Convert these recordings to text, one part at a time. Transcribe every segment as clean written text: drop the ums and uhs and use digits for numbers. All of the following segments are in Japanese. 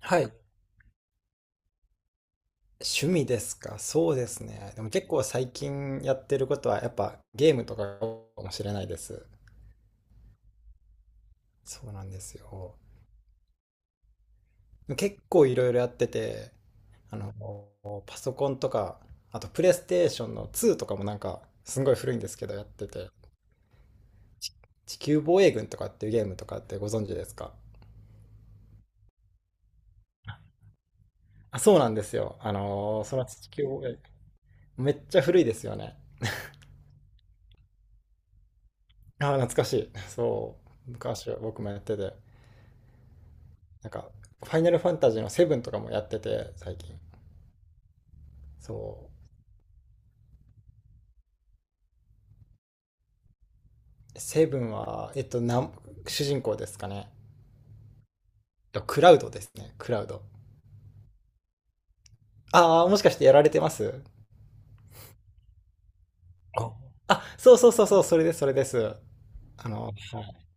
はい。趣味ですか。そうですね。でも結構最近やってることはやっぱゲームとかかもしれないです。そうなんですよ。結構いろいろやってて、あの、パソコンとか、あとプレイステーションの2とかもなんかすごい古いんですけどやってて、ち地球防衛軍とかっていうゲームとかってご存知ですか？あ、そうなんですよ。その地球防衛、めっちゃ古いですよね。あー、懐かしい。そう。昔は僕もやってて。なんか、ファイナルファンタジーのセブンとかもやってて、最近。そう。セブンは、主人公ですかね。いやクラウドですね。クラウド。ああ、もしかしてやられてます？ああ、そうそうそうそう、それです、それです。はい。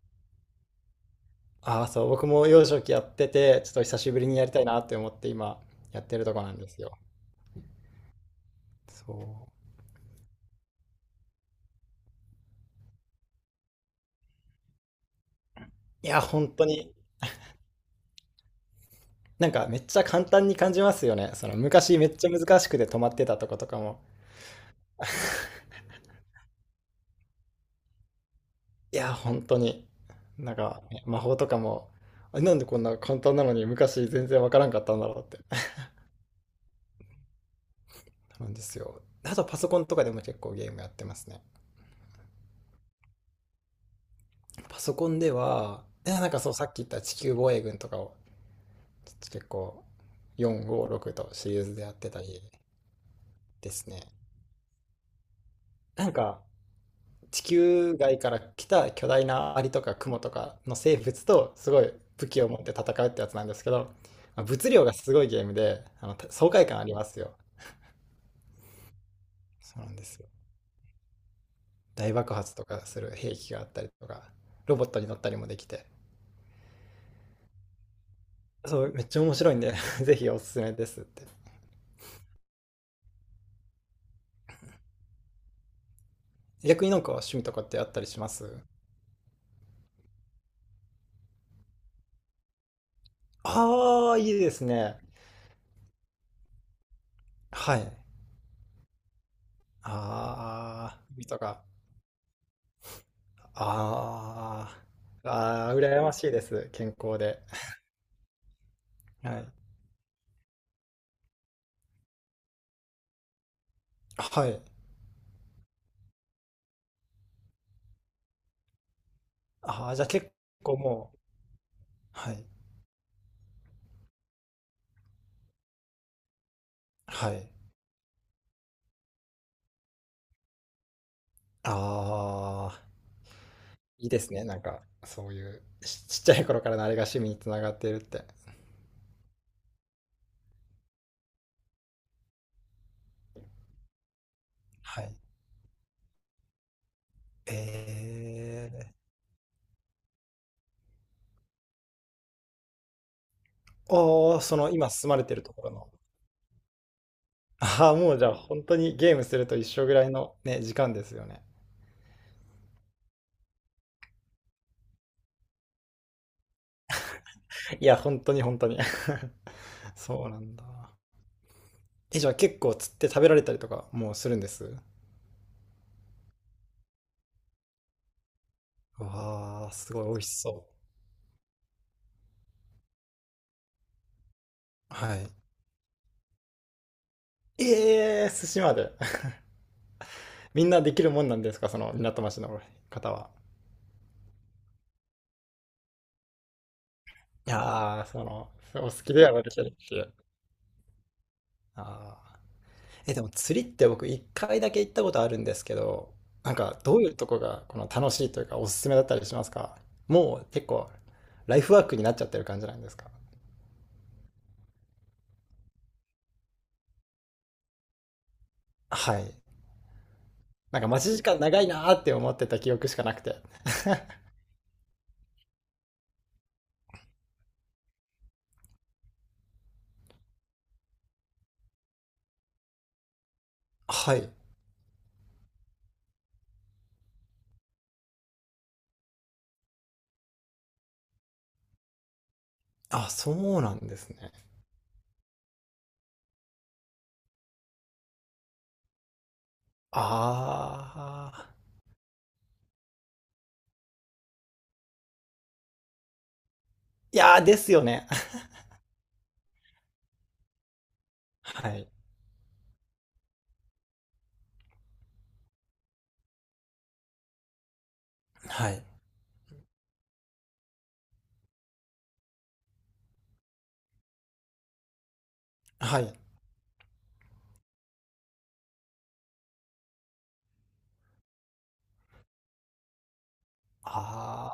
ああ、そう、僕も幼少期やってて、ちょっと久しぶりにやりたいなって思って今、やってるとこなんですよ。そう。いや、本当に、なんかめっちゃ簡単に感じますよね。その昔めっちゃ難しくて止まってたとことかも、いや、本当に。なんか、魔法とかも、あ、なんでこんな簡単なのに昔全然わからんかったんだろうって。なんですよ。あとパソコンとかでも結構ゲームやってますね。パソコンでは、いやなんかそうさっき言った地球防衛軍とかをちょっと結構456とシリーズでやってたりですね。なんか地球外から来た巨大なアリとかクモとかの生物とすごい武器を持って戦うってやつなんですけど、まあ物量がすごいゲームであの爽快感ありますよ。そうなんですよ。大爆発とかする兵器があったりとか、ロボットに乗ったりもできて、そう、めっちゃ面白いんで ぜひおすすめですって。逆になんか趣味とかってあったりします？ああー、いいですね。はい。ああ、趣味とか。ああ、ああ、羨ましいです。健康で。はい。はい。ああ、じゃあ結構もう、はい。はい。ああ、いいですね。なんか、そういう、ちっちゃい頃からのあれが趣味につながっているって。はい。えー、おー、その今住まれてるところの。ああ、もうじゃあ本当にゲームすると一緒ぐらいのね、時間ですよね。いや、本当に本当に そうなんだ。え、じゃあ結構釣って食べられたりとかもうするんです？わあ、すごい美味しそう。はい。えー、寿司まで。みんなできるもんなんですかその港町の方は？いやー、お好きでやられてるっていう。ああ。え、でも釣りって僕一回だけ行ったことあるんですけど、なんかどういうとこがこの楽しいというかおすすめだったりしますか？もう結構ライフワークになっちゃってる感じなんですか？はい。なんか待ち時間長いなーって思ってた記憶しかなくて。はい。あ、そうなんですね。ああ。いやーですよね。はい。はい。はい。あ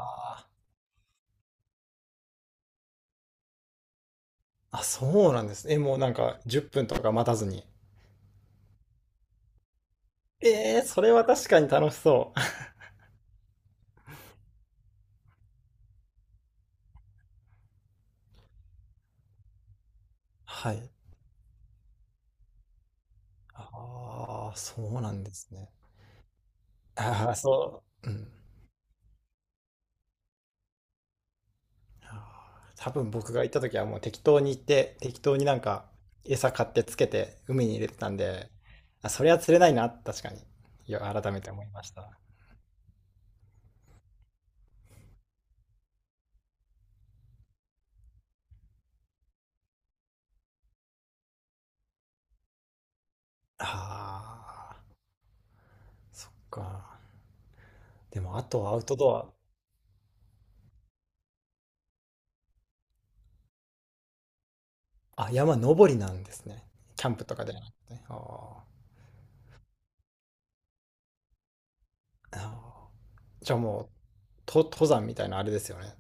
あ。あ、そうなんですね。え、もうなんか10分とか待たずに。えー、それは確かに楽しそう。はい。ああ、そうなんですね。ああ、そう。うん。あー、多分僕が行った時はもう適当に行って、適当になんか餌買ってつけて海に入れてたんで、あ、それは釣れないな、確かに。いや、改めて思いました。ああ、そっか。でも、あとはアウトドア。あ、山登りなんですね。キャンプとかではなくて。あーあー。じゃあもう、登山みたいなあれですよね。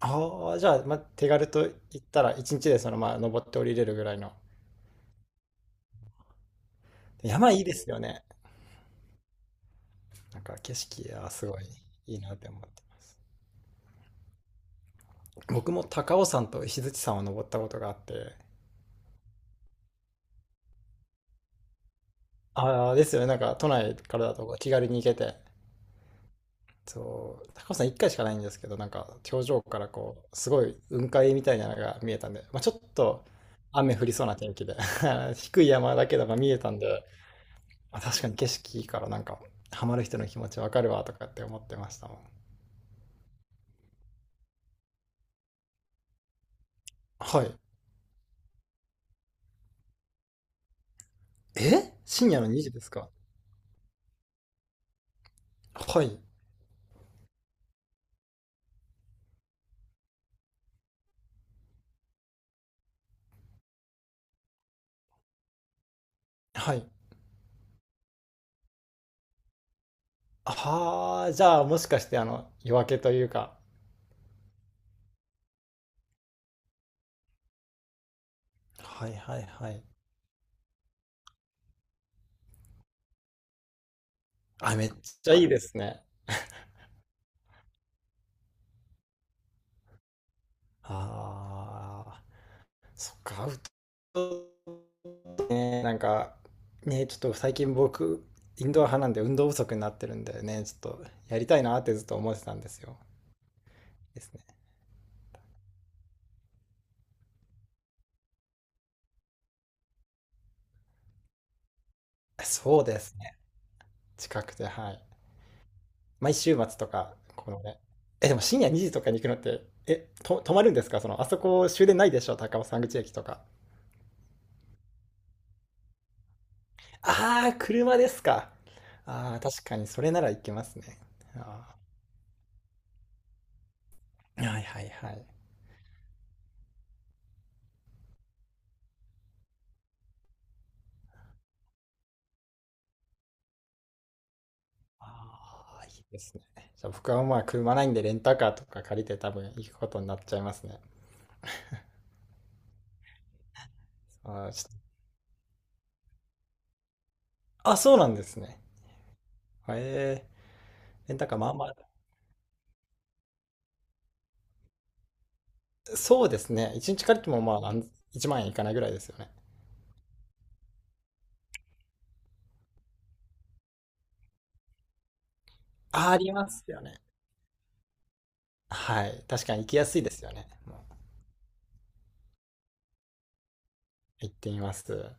ああ、じゃあ、まあ、手軽と言ったら、一日でまあ登って降りれるぐらいの。山いいですよね。なんか景色はすごいいいなって思ってます。僕も高尾山と石鎚山を登ったことがあって、ああ、ですよね。なんか都内からだと気軽に行けて。そう、高尾山1回しかないんですけど、なんか頂上からすごい雲海みたいなのが見えたんで、まあ、ちょっと雨降りそうな天気で 低い山だけどが見えたんで、まあ、確かに景色いいからなんか、ハマる人の気持ちわかるわとかって思ってましたもん。はい。え、深夜の2時ですか？はい。はい。はあ、じゃあもしかしてあの夜明けというか。はいはいはい。あ、めっちゃいいですね。ああ、そっか、アウトドアね。なんか、ね、ちょっと最近僕、インドア派なんで運動不足になってるんでね、ちょっとやりたいなってずっと思ってたんですよ。ですね。そうですね。近くて、はい。毎週末とか、このね。え、でも深夜2時とかに行くのって、泊まるんですか？あそこ終電ないでしょ高尾山口駅とか。ああ、車ですか。ああ、確かにそれならいけますね。あー、はいはいはい。ああ、いいですね。じゃあ僕はまあ車ないんでレンタカーとか借りて多分行くことになっちゃいますね。あー、ちょっとあ、そうなんですね。へえ、レンタカーまあまあ、そうですね。1日借りてもまあ1万円いかないぐらいですよね。あー、ありますよね。はい。確かに行きやすいですよね。もう行ってみます。